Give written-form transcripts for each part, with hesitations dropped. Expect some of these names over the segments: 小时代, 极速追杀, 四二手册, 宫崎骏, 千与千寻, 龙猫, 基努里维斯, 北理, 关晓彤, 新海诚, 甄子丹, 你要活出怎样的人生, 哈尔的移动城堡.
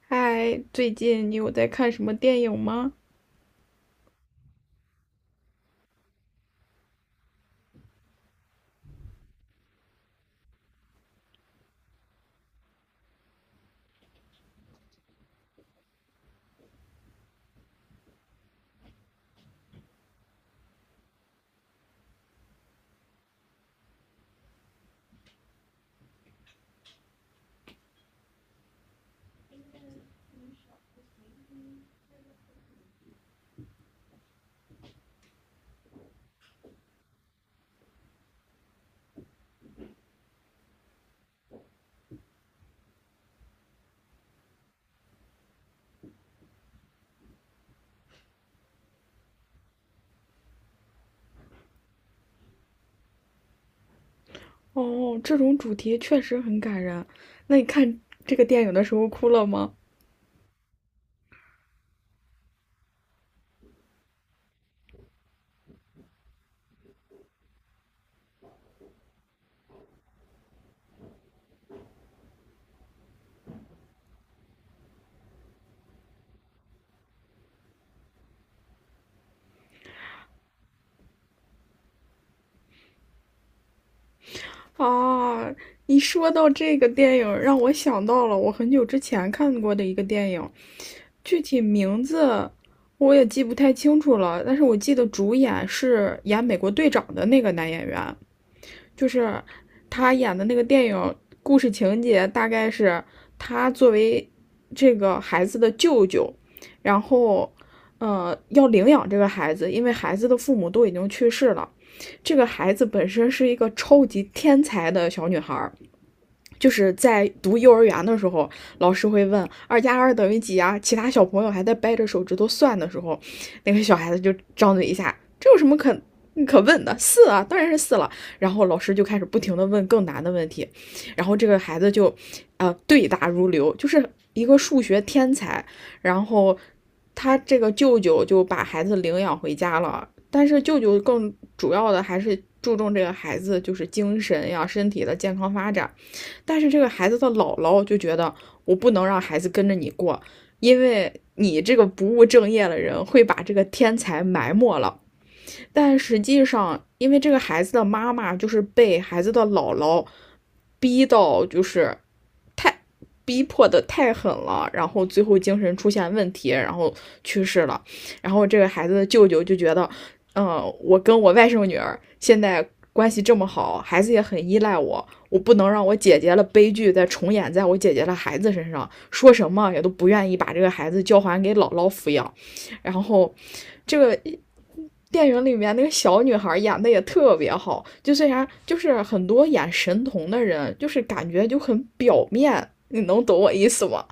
嗨，最近你有在看什么电影吗？哦，这种主题确实很感人。那你看这个电影的时候哭了吗？啊，你说到这个电影，让我想到了我很久之前看过的一个电影，具体名字我也记不太清楚了，但是我记得主演是演美国队长的那个男演员。就是他演的那个电影故事情节大概是他作为这个孩子的舅舅，然后要领养这个孩子，因为孩子的父母都已经去世了。这个孩子本身是一个超级天才的小女孩，就是在读幼儿园的时候，老师会问二加二等于几啊？其他小朋友还在掰着手指头算的时候，那个小孩子就张嘴一下，这有什么可问的？四啊，当然是四了。然后老师就开始不停的问更难的问题，然后这个孩子就，对答如流，就是一个数学天才。然后他这个舅舅就把孩子领养回家了，但是舅舅更主要的还是注重这个孩子就是精神呀、身体的健康发展，但是这个孩子的姥姥就觉得我不能让孩子跟着你过，因为你这个不务正业的人会把这个天才埋没了。但实际上，因为这个孩子的妈妈就是被孩子的姥姥逼到，就是逼迫的太狠了，然后最后精神出现问题，然后去世了。然后这个孩子的舅舅就觉得，我跟我外甥女儿现在关系这么好，孩子也很依赖我，我不能让我姐姐的悲剧再重演在我姐姐的孩子身上。说什么也都不愿意把这个孩子交还给姥姥抚养。然后，这个电影里面那个小女孩演的也特别好，就虽然就是很多演神童的人，就是感觉就很表面，你能懂我意思吗？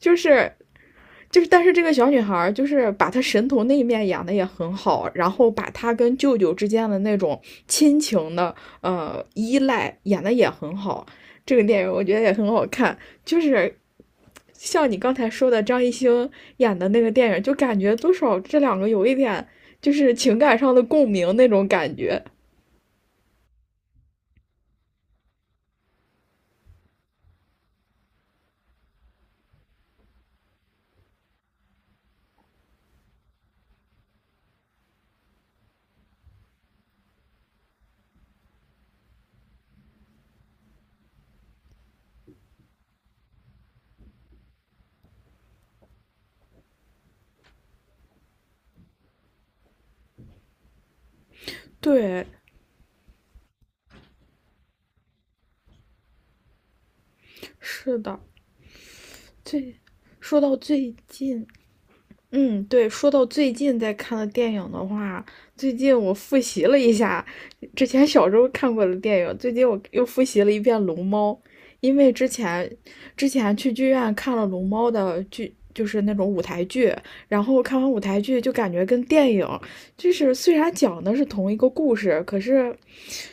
就是就是，但是这个小女孩就是把她神童那一面演的也很好，然后把她跟舅舅之间的那种亲情的依赖演的也很好。这个电影我觉得也很好看，就是像你刚才说的张艺兴演的那个电影，就感觉多少这两个有一点就是情感上的共鸣那种感觉。对，是的，最说到最近嗯，对，说到最近在看的电影的话，最近我复习了一下之前小时候看过的电影，最近我又复习了一遍《龙猫》，因为之前去剧院看了《龙猫》的剧，就是那种舞台剧，然后看完舞台剧就感觉跟电影就是虽然讲的是同一个故事，可是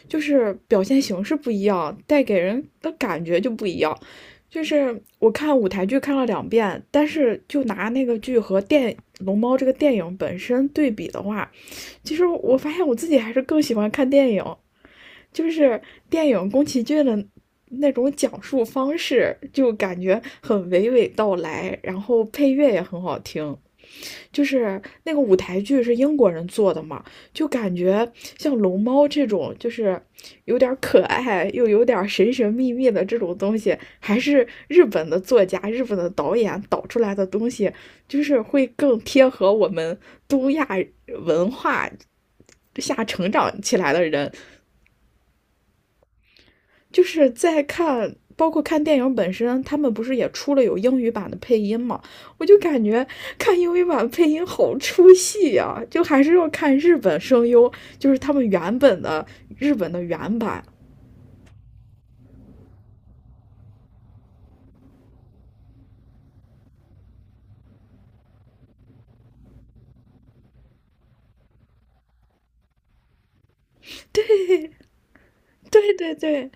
就是表现形式不一样，带给人的感觉就不一样。就是我看舞台剧看了两遍，但是就拿那个剧和《龙猫》这个电影本身对比的话，其实我发现我自己还是更喜欢看电影，就是电影宫崎骏的那种讲述方式，就感觉很娓娓道来，然后配乐也很好听。就是那个舞台剧是英国人做的嘛，就感觉像龙猫这种，就是有点可爱又有点神神秘秘的这种东西，还是日本的作家、日本的导演导出来的东西，就是会更贴合我们东亚文化下成长起来的人就是在看，包括看电影本身，他们不是也出了有英语版的配音嘛？我就感觉看英语版配音好出戏呀、就还是要看日本声优，就是他们原本的日本的原版。对对对，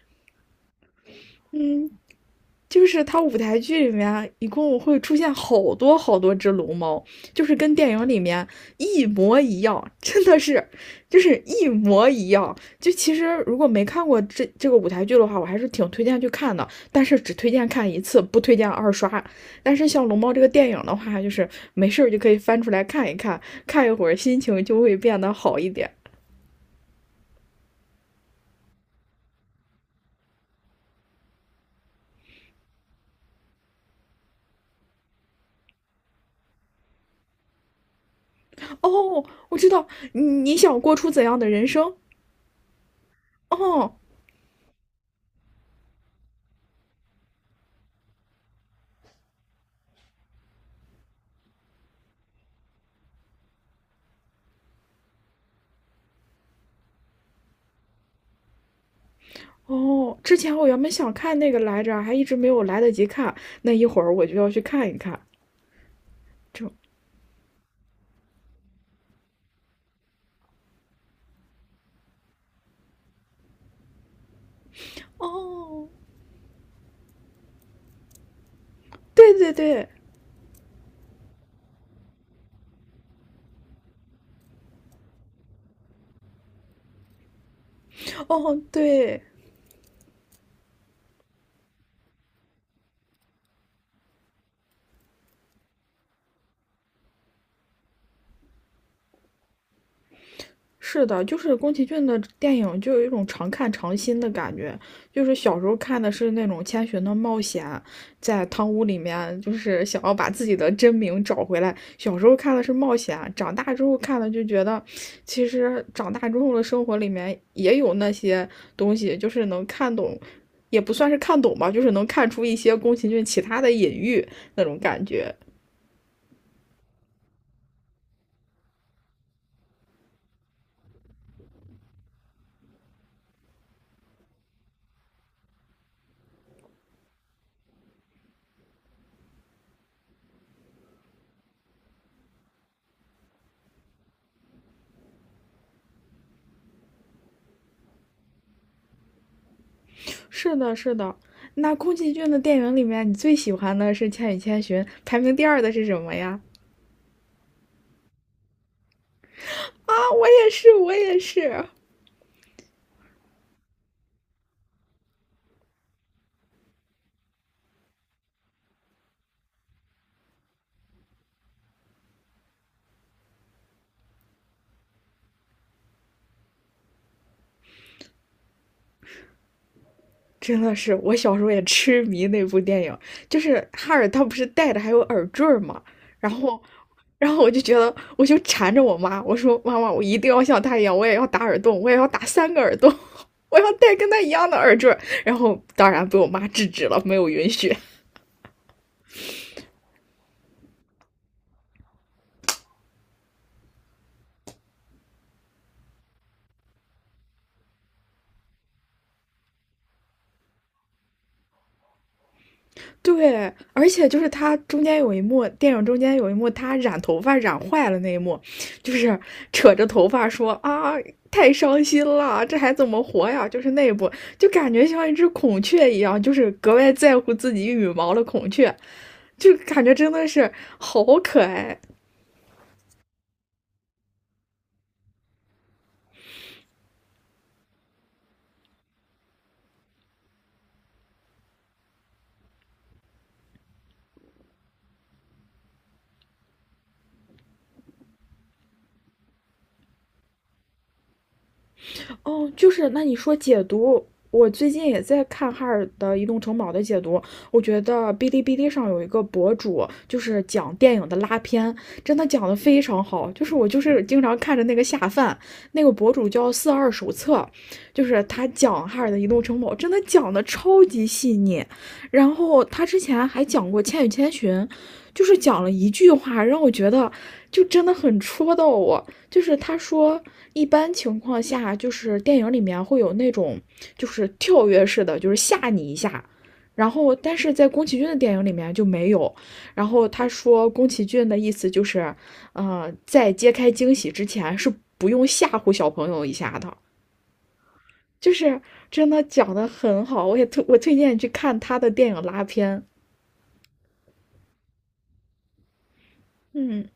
就是它舞台剧里面一共会出现好多好多只龙猫，就是跟电影里面一模一样，真的是，就是一模一样。就其实如果没看过这个舞台剧的话，我还是挺推荐去看的，但是只推荐看一次，不推荐二刷。但是像《龙猫》这个电影的话，就是没事儿就可以翻出来看一看，看一会儿心情就会变得好一点。哦，我知道你想过出怎样的人生。哦，哦，之前我原本想看那个来着，还一直没有来得及看。那一会儿我就要去看一看。就哦，对对对，哦对，是的，就是宫崎骏的电影就有一种常看常新的感觉。就是小时候看的是那种千寻的冒险，在汤屋里面就是想要把自己的真名找回来。小时候看的是冒险，长大之后看了就觉得，其实长大之后的生活里面也有那些东西，就是能看懂，也不算是看懂吧，就是能看出一些宫崎骏其他的隐喻那种感觉。是的，是的。那宫崎骏的电影里面，你最喜欢的是《千与千寻》，排名第二的是什么呀？啊，我也是，我也是，真的是，我小时候也痴迷那部电影。就是哈尔他不是戴的还有耳坠儿嘛，然后，然后我就觉得，我就缠着我妈，我说妈妈，我一定要像他一样，我也要打耳洞，我也要打三个耳洞，我要戴跟他一样的耳坠儿。然后当然被我妈制止了，没有允许。对，而且就是他中间有一幕，电影中间有一幕，他染头发染坏了那一幕，就是扯着头发说啊，太伤心了，这还怎么活呀？就是那一部，就感觉像一只孔雀一样，就是格外在乎自己羽毛的孔雀，就感觉真的是好可爱。哦，就是那你说解读，我最近也在看哈尔的移动城堡的解读，我觉得哔哩哔哩上有一个博主，就是讲电影的拉片，真的讲的非常好。就是我就是经常看着那个下饭，那个博主叫四二手册，就是他讲哈尔的移动城堡，真的讲的超级细腻。然后他之前还讲过《千与千寻》，就是讲了一句话，让我觉得就真的很戳到我。就是他说，一般情况下，就是电影里面会有那种就是跳跃式的，就是吓你一下。然后，但是在宫崎骏的电影里面就没有。然后他说，宫崎骏的意思就是，在揭开惊喜之前是不用吓唬小朋友一下的，就是真的讲的很好。我也推荐你去看他的电影拉片。嗯，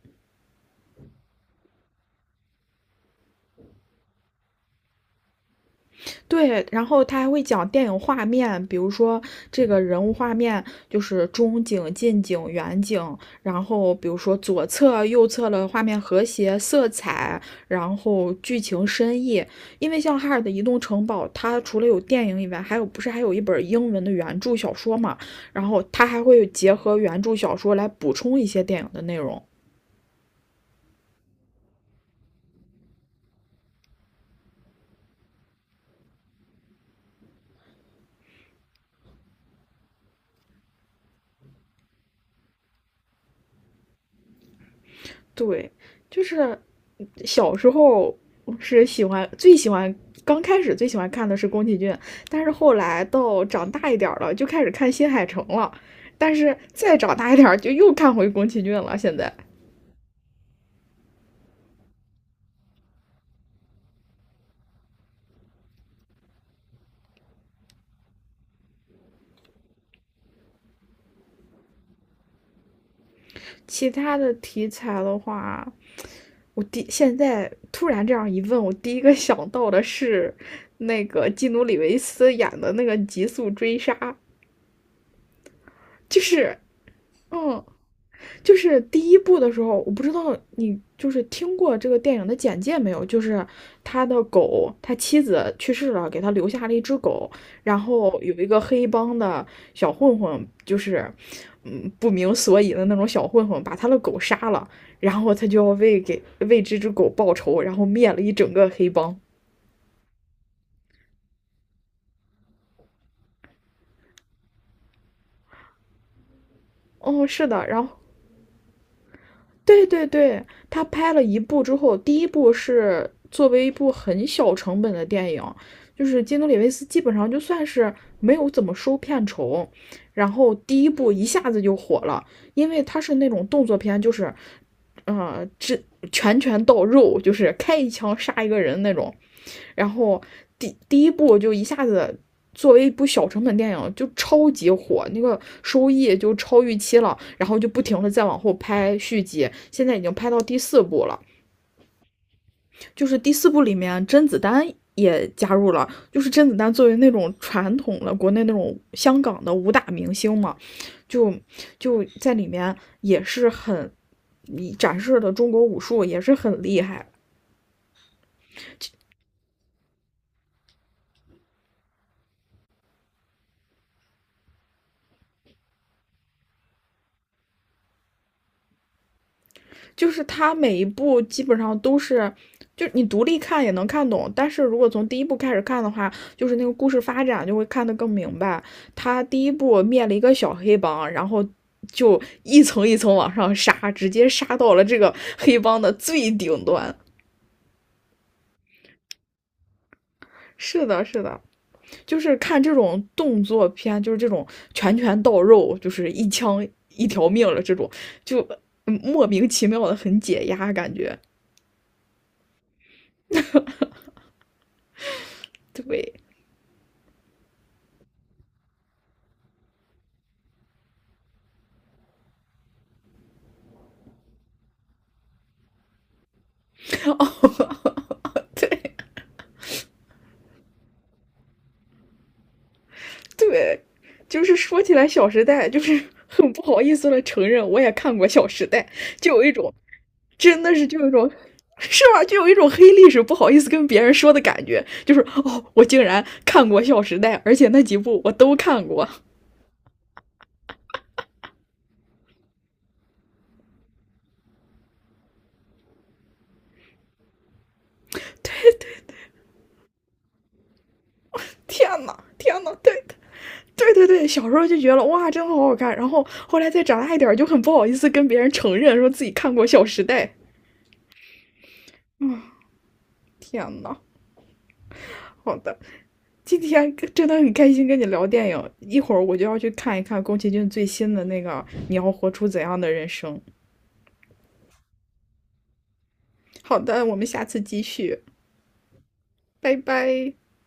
对，然后他还会讲电影画面，比如说这个人物画面就是中景、近景、远景，然后比如说左侧、右侧的画面和谐、色彩，然后剧情深意。因为像哈尔的移动城堡，它除了有电影以外，还有不是还有一本英文的原著小说嘛？然后它还会结合原著小说来补充一些电影的内容。对，就是小时候是喜欢最喜欢，刚开始最喜欢看的是宫崎骏，但是后来到长大一点了，就开始看新海诚了，但是再长大一点就又看回宫崎骏了。现在其他的题材的话，我现在突然这样一问，我第一个想到的是那个基努里维斯演的那个《极速追杀》，就是嗯，就是第一部的时候，我不知道你就是听过这个电影的简介没有？就是他的狗，他妻子去世了，给他留下了一只狗，然后有一个黑帮的小混混，就是不明所以的那种小混混，把他的狗杀了，然后他就要为这只狗报仇，然后灭了一整个黑帮。哦，是的，然后对对对，他拍了一部之后，第一部是作为一部很小成本的电影，就是基努里维斯基本上就算是没有怎么收片酬，然后第一部一下子就火了，因为他是那种动作片，就是，这拳拳到肉，就是开一枪杀一个人那种，然后第一部就一下子作为一部小成本电影就超级火，那个收益就超预期了，然后就不停的再往后拍续集，现在已经拍到第四部了。就是第四部里面甄子丹也加入了，就是甄子丹作为那种传统的国内那种香港的武打明星嘛，就就在里面也是很，展示的中国武术也是很厉害，就是它每一部基本上都是，就你独立看也能看懂，但是如果从第一部开始看的话，就是那个故事发展就会看得更明白。他第一部灭了一个小黑帮，然后就一层一层往上杀，直接杀到了这个黑帮的最顶端。是的，是的，就是看这种动作片，就是这种拳拳到肉，就是一枪一条命了这种，就莫名其妙的很解压感觉。对，对，就是说起来，《小时代》就是很不好意思的承认，我也看过《小时代》，就有一种，真的是就有一种，是吧？就有一种黑历史不好意思跟别人说的感觉，就是哦，我竟然看过《小时代》，而且那几部我都看过。天呐，天呐，对的对对对，小时候就觉得哇，真好好看，然后后来再长大一点，就很不好意思跟别人承认说自己看过《小时代》。天呐，好的，今天真的很开心跟你聊电影，一会儿我就要去看一看宫崎骏最新的那个《你要活出怎样的人生》。好的，我们下次继续，拜拜。